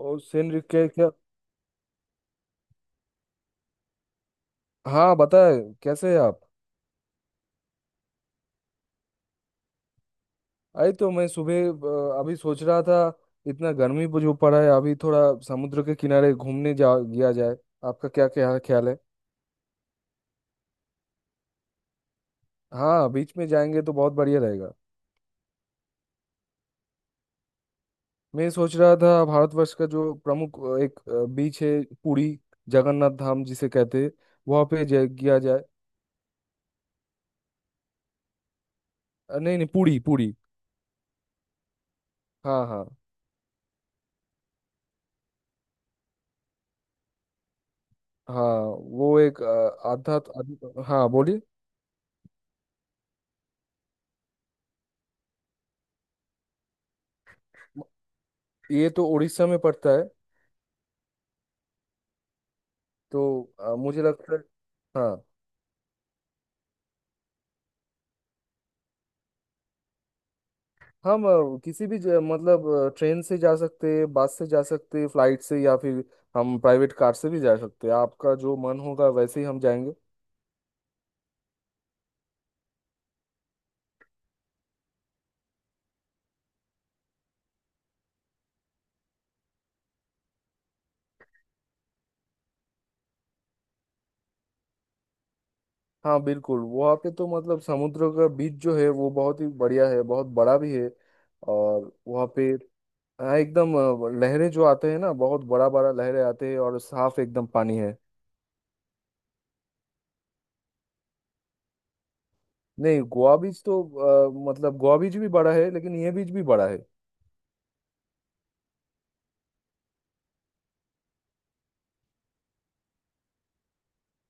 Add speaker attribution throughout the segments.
Speaker 1: और सेनरी क्या क्या। हाँ बताए। कैसे है आप। अरे तो मैं सुबह अभी सोच रहा था। इतना गर्मी भी जो पड़ा है अभी थोड़ा समुद्र के किनारे घूमने जा गया जाए। आपका क्या क्या ख्याल है। हाँ बीच में जाएंगे तो बहुत बढ़िया रहेगा। मैं सोच रहा था भारतवर्ष का जो प्रमुख एक बीच है। पुरी, जगन्नाथ धाम जिसे कहते हैं। वहाँ पे गया जाए। नहीं नहीं, पुरी पुरी। हाँ हाँ हाँ। वो एक आध्यात्म आध्यात्म- हाँ बोलिए। ये तो उड़ीसा में पड़ता है। तो मुझे लगता है। हाँ। हम किसी भी मतलब ट्रेन से जा सकते हैं, बस से जा सकते हैं, फ्लाइट से, या फिर हम प्राइवेट कार से भी जा सकते हैं। आपका जो मन होगा वैसे ही हम जाएंगे। हाँ बिल्कुल, वहाँ पे तो मतलब समुद्र का बीच जो है वो बहुत ही बढ़िया है, बहुत बड़ा भी है। और वहाँ पे हाँ, एकदम लहरें जो आते हैं ना, बहुत बड़ा बड़ा लहरें आते हैं और साफ एकदम पानी है। नहीं, गोवा बीच तो मतलब गोवा बीच भी बड़ा है लेकिन ये बीच भी बड़ा है।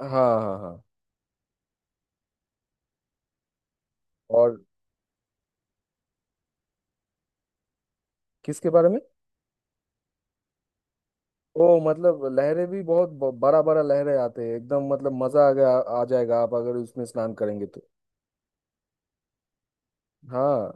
Speaker 1: हाँ हाँ हाँ। और किसके बारे में। ओ मतलब लहरें भी बहुत बड़ा बड़ा लहरें आते हैं, एकदम मतलब मजा आ गया। आ जाएगा आप अगर उसमें स्नान करेंगे तो। हाँ।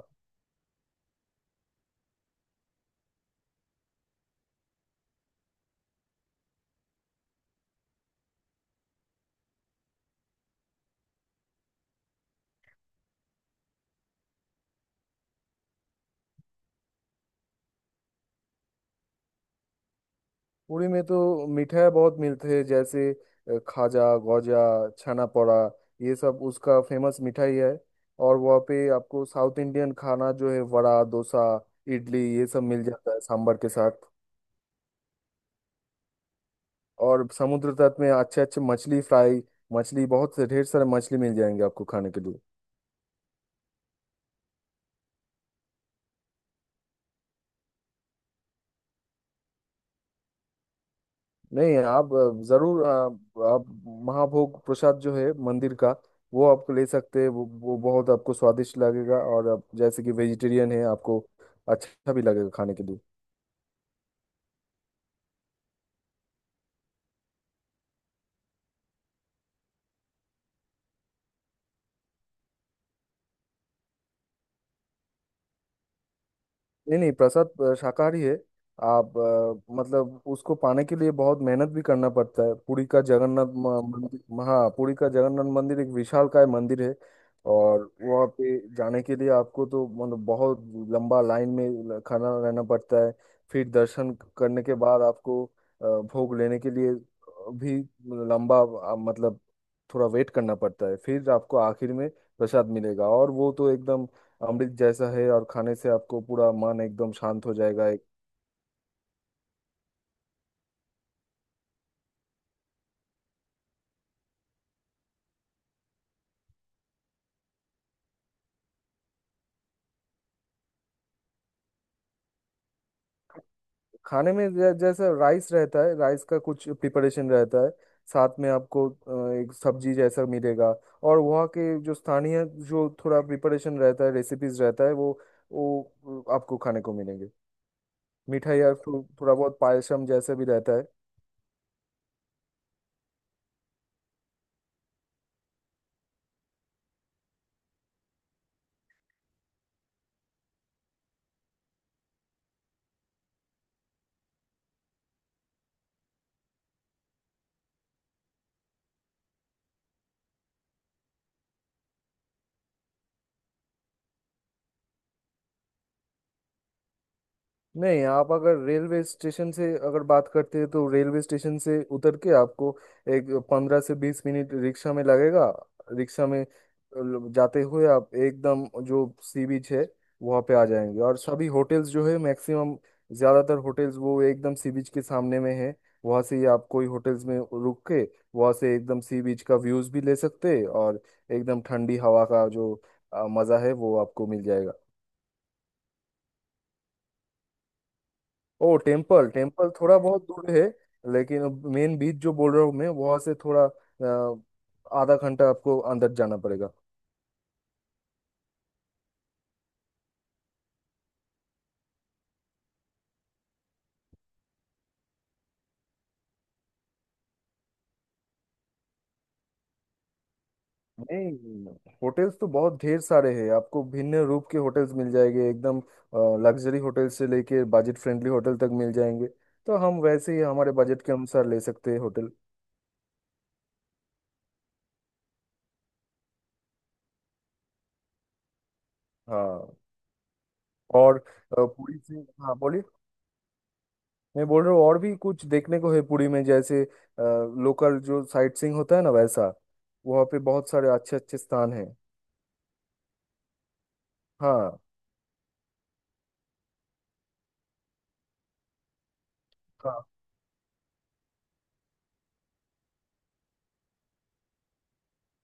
Speaker 1: पुरी में तो मिठाई बहुत मिलते हैं, जैसे खाजा गौजा, छाना पोड़ा, ये सब उसका फेमस मिठाई है। और वहाँ पे आपको साउथ इंडियन खाना जो है, वड़ा डोसा, इडली, ये सब मिल जाता है सांभर के साथ। और समुद्र तट में अच्छे अच्छे मछली फ्राई, मछली बहुत से, ढेर सारे मछली मिल जाएंगे आपको खाने के लिए। नहीं, आप जरूर आप महाभोग प्रसाद जो है मंदिर का, वो आपको ले सकते हैं। वो बहुत आपको स्वादिष्ट लगेगा। और आप जैसे कि वेजिटेरियन है, आपको अच्छा भी लगेगा खाने के लिए। नहीं नहीं, प्रसाद शाकाहारी है। आप मतलब उसको पाने के लिए बहुत मेहनत भी करना पड़ता है। पुरी का जगन्नाथ मंदिर, हाँ पुरी का जगन्नाथ मंदिर एक विशालकाय मंदिर है। और वहाँ पे जाने के लिए आपको तो मतलब बहुत लंबा लाइन में खड़ा रहना पड़ता है। फिर दर्शन करने के बाद आपको भोग लेने के लिए भी लंबा मतलब थोड़ा वेट करना पड़ता है। फिर आपको आखिर में प्रसाद मिलेगा और वो तो एकदम अमृत जैसा है, और खाने से आपको पूरा मन एकदम शांत हो जाएगा। खाने में जैसा राइस रहता है, राइस का कुछ प्रिपरेशन रहता है। साथ में आपको एक सब्जी जैसा मिलेगा। और वहाँ के जो स्थानीय जो थोड़ा प्रिपरेशन रहता है, रेसिपीज रहता है, वो आपको खाने को मिलेंगे। मिठाई और थोड़ा बहुत पायसम जैसा भी रहता है। नहीं, आप अगर रेलवे स्टेशन से अगर बात करते हैं तो रेलवे स्टेशन से उतर के आपको एक 15 से 20 मिनट रिक्शा में लगेगा। रिक्शा में जाते हुए आप एकदम जो सी बीच है वहाँ पे आ जाएंगे। और सभी होटल्स जो है, मैक्सिमम ज़्यादातर होटल्स वो एकदम सी बीच के सामने में है। वहाँ से ही आप कोई होटल्स में रुक के वहाँ से एकदम सी बीच का व्यूज़ भी ले सकते हैं। और एकदम ठंडी हवा का जो मज़ा है वो आपको मिल जाएगा। ओ टेम्पल, टेम्पल थोड़ा बहुत दूर है। लेकिन मेन बीच जो बोल रहा हूँ मैं, वहां से थोड़ा आधा घंटा आपको अंदर जाना पड़ेगा। नहीं, होटल्स तो बहुत ढेर सारे हैं। आपको भिन्न रूप के होटल्स मिल जाएंगे। एकदम लग्जरी होटल से लेके बजट फ्रेंडली होटल तक मिल जाएंगे। तो हम वैसे ही हमारे बजट के अनुसार ले सकते हैं होटल। हाँ। और पूरी से, हाँ बोलिए। मैं बोल रहा हूँ और भी कुछ देखने को है पुरी में, जैसे लोकल जो साइट सीइंग होता है ना वैसा, वहाँ पे बहुत सारे अच्छे अच्छे स्थान हैं। हाँ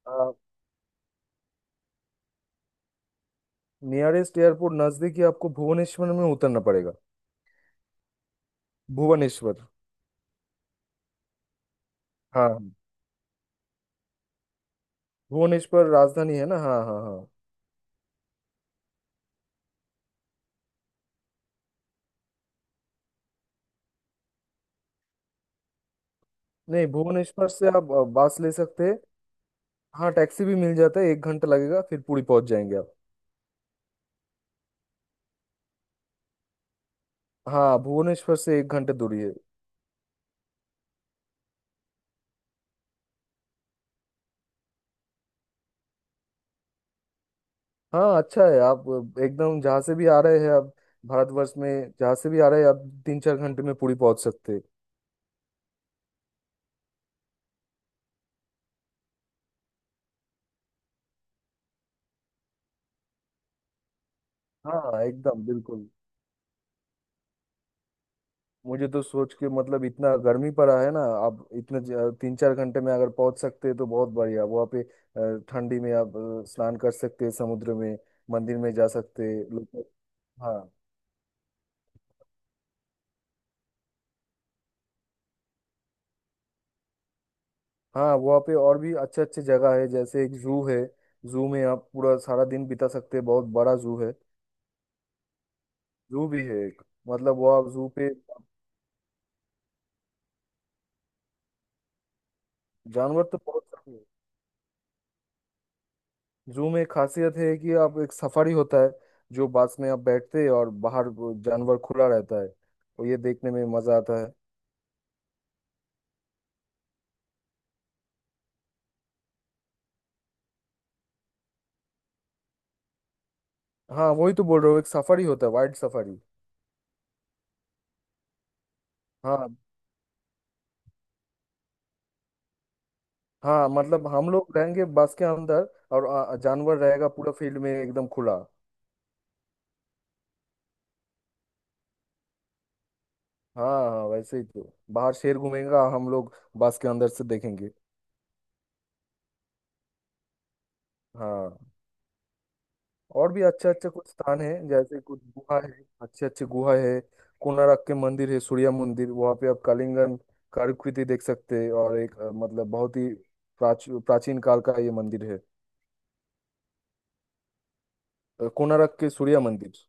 Speaker 1: हाँ। नियरेस्ट एयरपोर्ट नज़दीक ही, आपको भुवनेश्वर में उतरना पड़ेगा। भुवनेश्वर। हाँ भुवनेश्वर राजधानी है ना, हाँ हाँ हाँ। नहीं, भुवनेश्वर से आप बस ले सकते हैं। हाँ टैक्सी भी मिल जाता है, एक घंटा लगेगा, फिर पुरी पहुंच जाएंगे आप। हाँ भुवनेश्वर से एक घंटा दूरी है। हाँ अच्छा है। आप एकदम जहाँ से भी आ रहे हैं आप, भारतवर्ष में जहाँ से भी आ रहे हैं आप तीन चार घंटे में पुरी पहुंच सकते हैं। हाँ एकदम बिल्कुल। मुझे तो सोच के मतलब इतना गर्मी पड़ा है ना, आप इतने तीन चार घंटे में अगर पहुंच सकते हैं तो बहुत बढ़िया। वहाँ पे ठंडी में आप स्नान कर सकते हैं समुद्र में। मंदिर में जा सकते हैं लोग। हाँ हाँ। वहाँ पे और भी अच्छे अच्छे जगह है, जैसे एक जू है। जू में आप पूरा सारा दिन बिता सकते हैं, बहुत बड़ा जू है। जू भी है एक। मतलब वहाँ जू पे जानवर तो बहुत सारे हैं। जू में एक खासियत है कि आप, एक सफारी होता है, जो बस में आप बैठते हैं और बाहर वो जानवर खुला रहता है, तो ये देखने में मजा आता है। हाँ वही तो बोल रहा हूँ, एक सफारी होता है, वाइल्ड सफारी। हाँ हाँ, मतलब हम लोग रहेंगे बस के अंदर और जानवर रहेगा पूरा फील्ड में एकदम खुला। हाँ हाँ, वैसे ही तो बाहर शेर घूमेगा, हम लोग बस के अंदर से देखेंगे। हाँ। और भी अच्छे अच्छे कुछ स्थान है, जैसे कुछ गुहा है, अच्छे अच्छे गुहा है। कोणार्क के मंदिर है, सूर्य मंदिर, वहाँ पे आप कलिंगन कलाकृति देख सकते हैं। और एक मतलब बहुत ही प्राचीन काल का ये मंदिर है। कोणार्क के सूर्य मंदिर।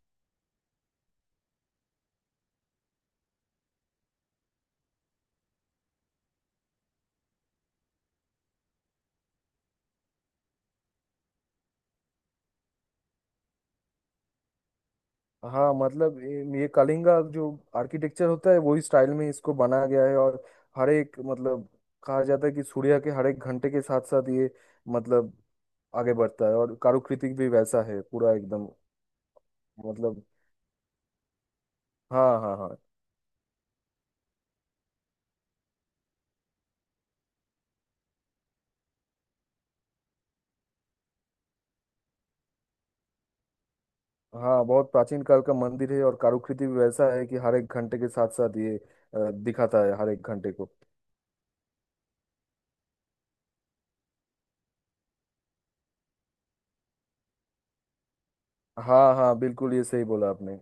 Speaker 1: हाँ मतलब ये कलिंगा जो आर्किटेक्चर होता है वही स्टाइल में इसको बनाया गया है। और हर एक मतलब, कहा जाता है कि सूर्य के हर एक घंटे के साथ साथ ये मतलब आगे बढ़ता है, और कारुकृति भी वैसा है पूरा एकदम मतलब। हाँ हाँ हाँ। हाँ बहुत प्राचीन काल का मंदिर है और कारुकृति भी वैसा है कि हर एक घंटे के साथ साथ ये दिखाता है हर एक घंटे को। हाँ हाँ बिल्कुल, ये सही बोला आपने।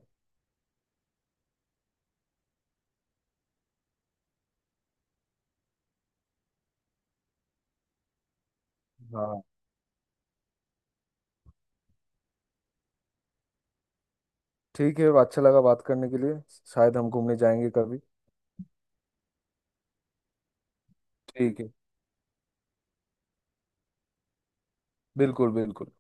Speaker 1: हाँ ठीक है, अच्छा लगा बात करने के लिए। शायद हम घूमने जाएंगे कभी। ठीक है बिल्कुल बिल्कुल।